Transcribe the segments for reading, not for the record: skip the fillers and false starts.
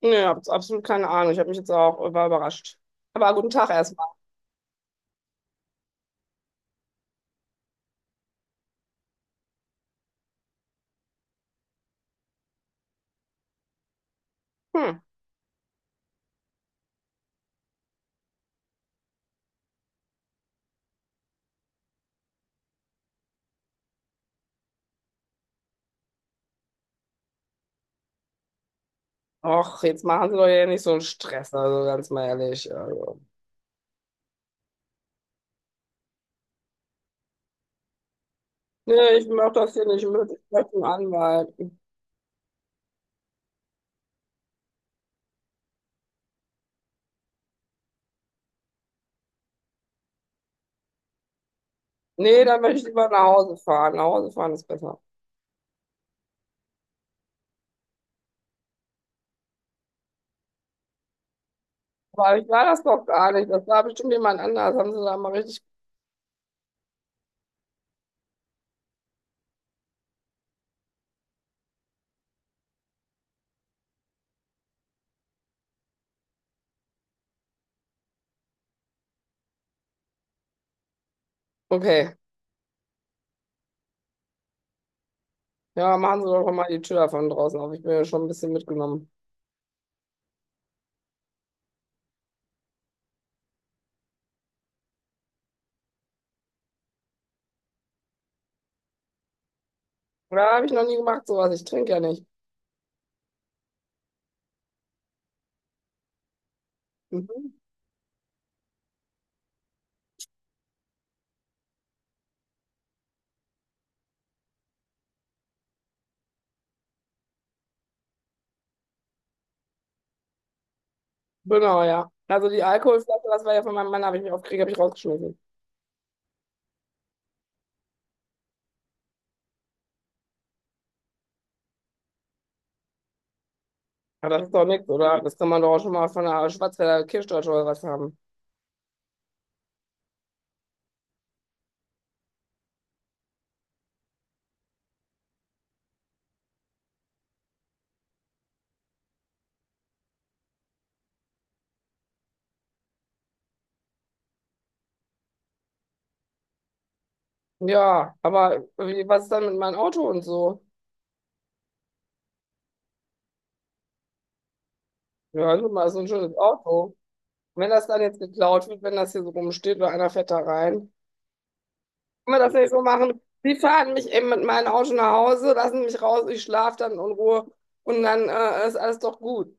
Nee, hab jetzt absolut keine Ahnung. Ich habe mich jetzt auch war überrascht. Aber guten Tag erstmal. Hm. Och, jetzt machen Sie doch hier nicht so einen Stress, also ganz mal ehrlich. Also. Nee, ich mach das hier nicht mit. Ich möchte einen Anwalt. Nee, dann möchte ich lieber nach Hause fahren. Nach Hause fahren ist besser. Aber ich war das doch gar nicht. Das war bestimmt jemand anders. Haben Sie da mal richtig. Okay. Ja, machen Sie doch mal die Tür von draußen auf. Ich bin ja schon ein bisschen mitgenommen. Ja, habe ich noch nie gemacht, sowas. Ich trinke ja nicht. Mhm. Genau, ja. Also die Alkoholflasche, das war ja von meinem Mann, habe ich mich aufgeregt, habe ich rausgeschmissen. Ja, das ist doch nichts, oder? Das kann man doch auch schon mal von einer Schwarzwälder Kirschtorte oder was haben. Ja, aber wie, was ist dann mit meinem Auto und so? Ja, hören Sie mal, so ein schönes Auto. Wenn das dann jetzt geklaut wird, wenn das hier so rumsteht oder einer fährt da rein, können wir das nicht so machen? Sie fahren mich eben mit meinem Auto nach Hause, lassen mich raus, ich schlafe dann in Ruhe und dann ist alles doch gut.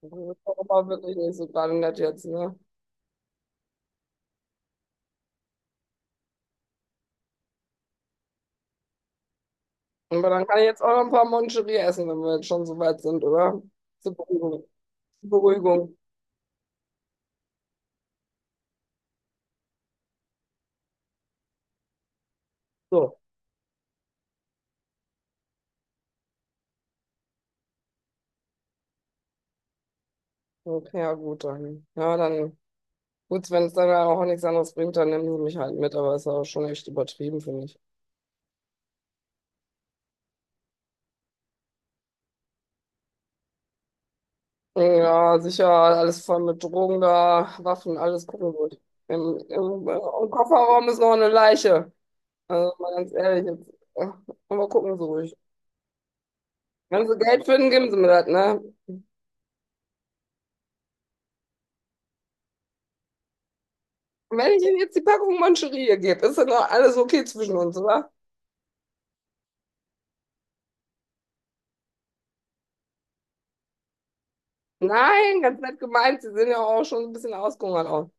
Das ist doch aber wirklich nicht so gerade nett jetzt, ne? Aber dann kann ich jetzt auch noch ein paar Moncherie essen, wenn wir jetzt schon so weit sind, oder? Zur Beruhigung. Zur Beruhigung. So. Okay, ja gut, dann. Ja, dann, gut, wenn es dann auch nichts anderes bringt, dann nehmen sie mich halt mit, aber ist auch schon echt übertrieben, finde ich. Ja, sicher, alles voll mit Drogen da, Waffen, alles gucken gut. Im Kofferraum ist noch eine Leiche. Also mal ganz ehrlich, jetzt, äh, aber gucken Sie ruhig. Wenn Sie Geld finden, geben Sie mir das, ne? Wenn ich Ihnen jetzt die Packung Mancherie gebe, ist dann noch alles okay zwischen uns, oder? Nein, ganz nett gemeint, Sie sehen ja auch schon ein bisschen ausgehungert aus.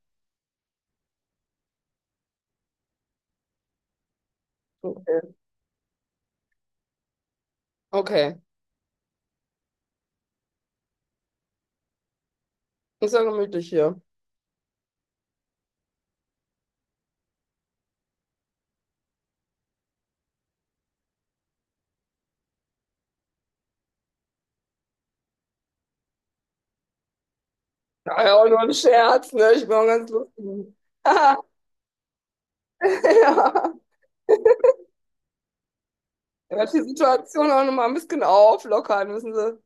Okay, okay. Ist ja gemütlich hier. War ja auch nur ein Scherz, ne? Ich bin auch ganz lustig. Ah, ja. Er hat die Situation auch nochmal ein bisschen auflockern, wissen Sie.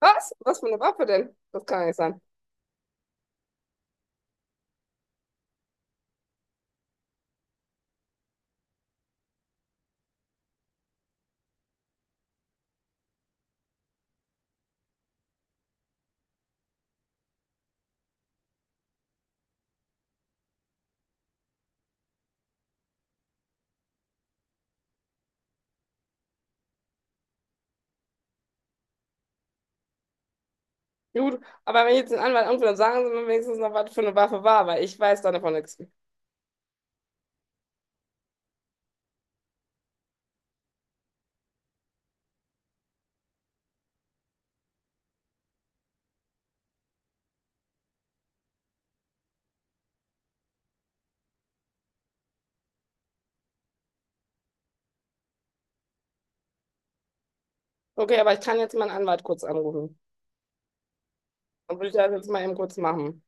Was? Was für eine Waffe denn? Das kann ja nicht sein. Gut, aber wenn ich jetzt den Anwalt anrufe, dann sagen Sie mir wenigstens noch, was für eine Waffe war, weil ich weiß da davon nichts. Okay, aber ich kann jetzt meinen Anwalt kurz anrufen. Dann würde ich das jetzt mal eben kurz machen.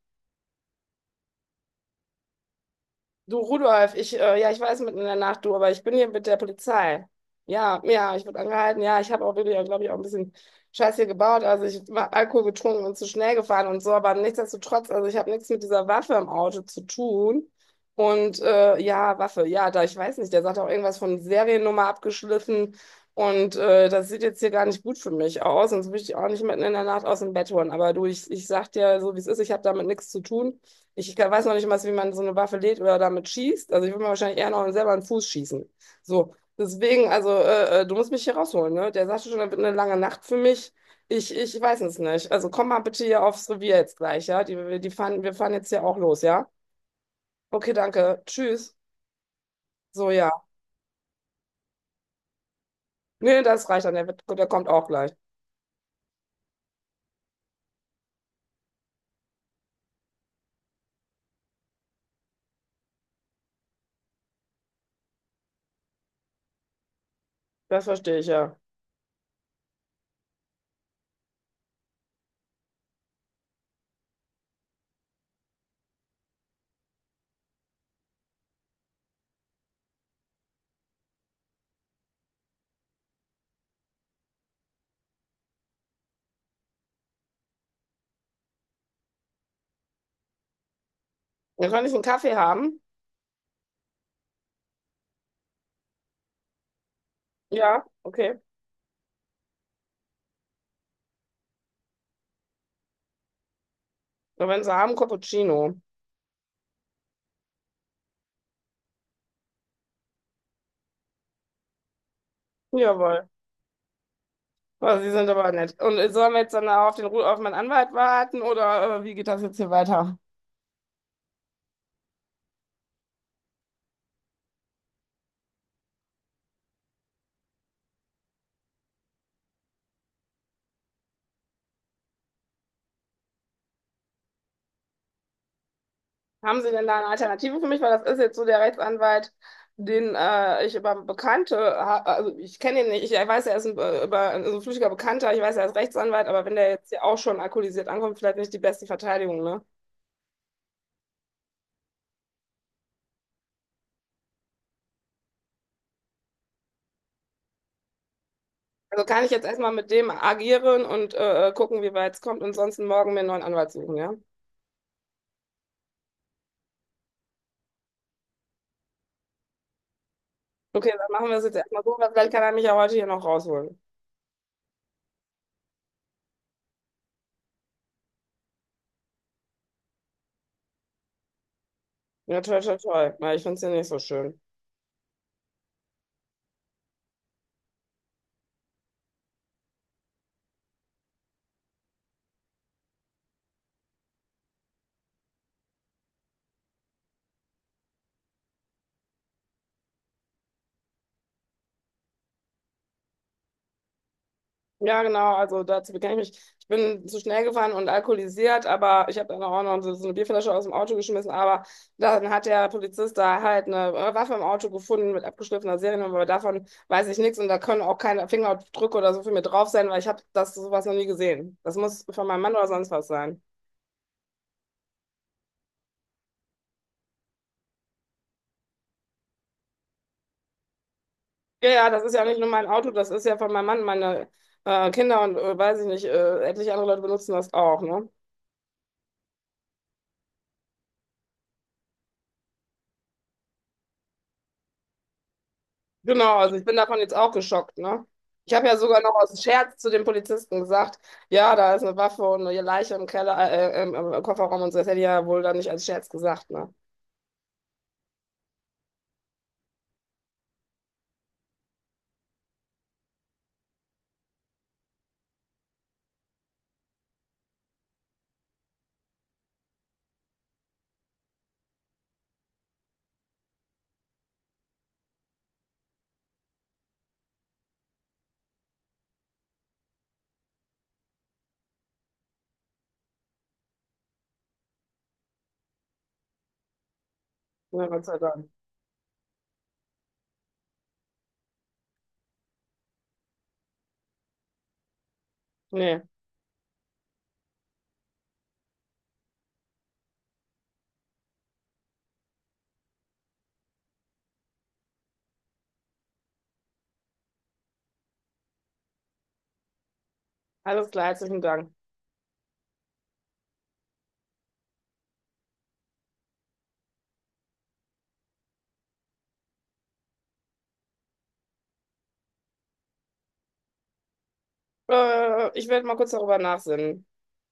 Du Rudolf, ja, ich weiß mitten in der Nacht, du, aber ich bin hier mit der Polizei. Ja, ja, ich wurde angehalten. Ja, ich habe auch wirklich, glaube ich, auch ein bisschen Scheiß hier gebaut. Also ich habe Alkohol getrunken und zu schnell gefahren und so, aber nichtsdestotrotz, also ich habe nichts mit dieser Waffe im Auto zu tun. Und ja, Waffe, ja, da ich weiß nicht, der sagt auch irgendwas von Seriennummer abgeschliffen und das sieht jetzt hier gar nicht gut für mich aus und so will ich auch nicht mitten in der Nacht aus dem Bett holen. Aber du, ich sag dir so, wie es ist, ich habe damit nichts zu tun. Ich kann- weiß noch nicht mal, wie man so eine Waffe lädt oder damit schießt. Also ich würde mir wahrscheinlich eher noch selber einen Fuß schießen. So, deswegen, also du musst mich hier rausholen, ne? Der sagte schon, das wird eine lange Nacht für mich. Ich weiß es nicht. Also komm mal bitte hier aufs Revier jetzt gleich, ja? Die fahren, wir fahren jetzt hier auch los, ja? Okay, danke. Tschüss. So, ja. Nee, das reicht dann. Der kommt auch gleich. Das verstehe ich, ja. Dann kann ich einen Kaffee haben. Ja, okay. Und wenn Sie haben, Cappuccino. Jawohl. Boah, Sie sind aber nett. Und sollen wir jetzt dann auf den Ru- auf meinen Anwalt warten oder wie geht das jetzt hier weiter? Haben Sie denn da eine Alternative für mich? Weil das ist jetzt so der Rechtsanwalt, den ich über Bekannte, ha- also ich kenne ihn nicht, ich weiß, er ist ein, über, also ein flüchtiger Bekannter, ich weiß, er ist Rechtsanwalt, aber wenn der jetzt hier auch schon alkoholisiert ankommt, vielleicht nicht die beste Verteidigung, ne? Also kann ich jetzt erstmal mit dem agieren und gucken, wie weit es kommt und sonst morgen mir einen neuen Anwalt suchen, ja? Okay, dann machen wir es jetzt erstmal so, weil vielleicht kann er mich ja heute hier noch rausholen. Ja, toll, toll, toll. Ja, ich finde es ja nicht so schön. Ja, genau, also dazu bekenne ich mich. Ich bin zu schnell gefahren und alkoholisiert, aber ich habe dann auch noch so eine Bierflasche aus dem Auto geschmissen. Aber dann hat der Polizist da halt eine Waffe im Auto gefunden mit abgeschliffener Seriennummer, aber davon weiß ich nichts und da können auch keine Fingerabdrücke oder so für mir drauf sein, weil ich habe das sowas noch nie gesehen. Das muss von meinem Mann oder sonst was sein. Ja, ja, das ist ja nicht nur mein Auto, das ist ja von meinem Mann, meine Kinder und weiß ich nicht, etliche andere Leute benutzen das auch, ne? Genau, also ich bin davon jetzt auch geschockt, ne? Ich habe ja sogar noch aus Scherz zu den Polizisten gesagt, ja, da ist eine Waffe und eine Leiche im Keller, im, Kofferraum und so. Das hätte ich ja wohl dann nicht als Scherz gesagt, ne? Ja, Gott sei Dank. Nee, alles klar, herzlichen Dank. Ich werde mal kurz darüber nachsinnen.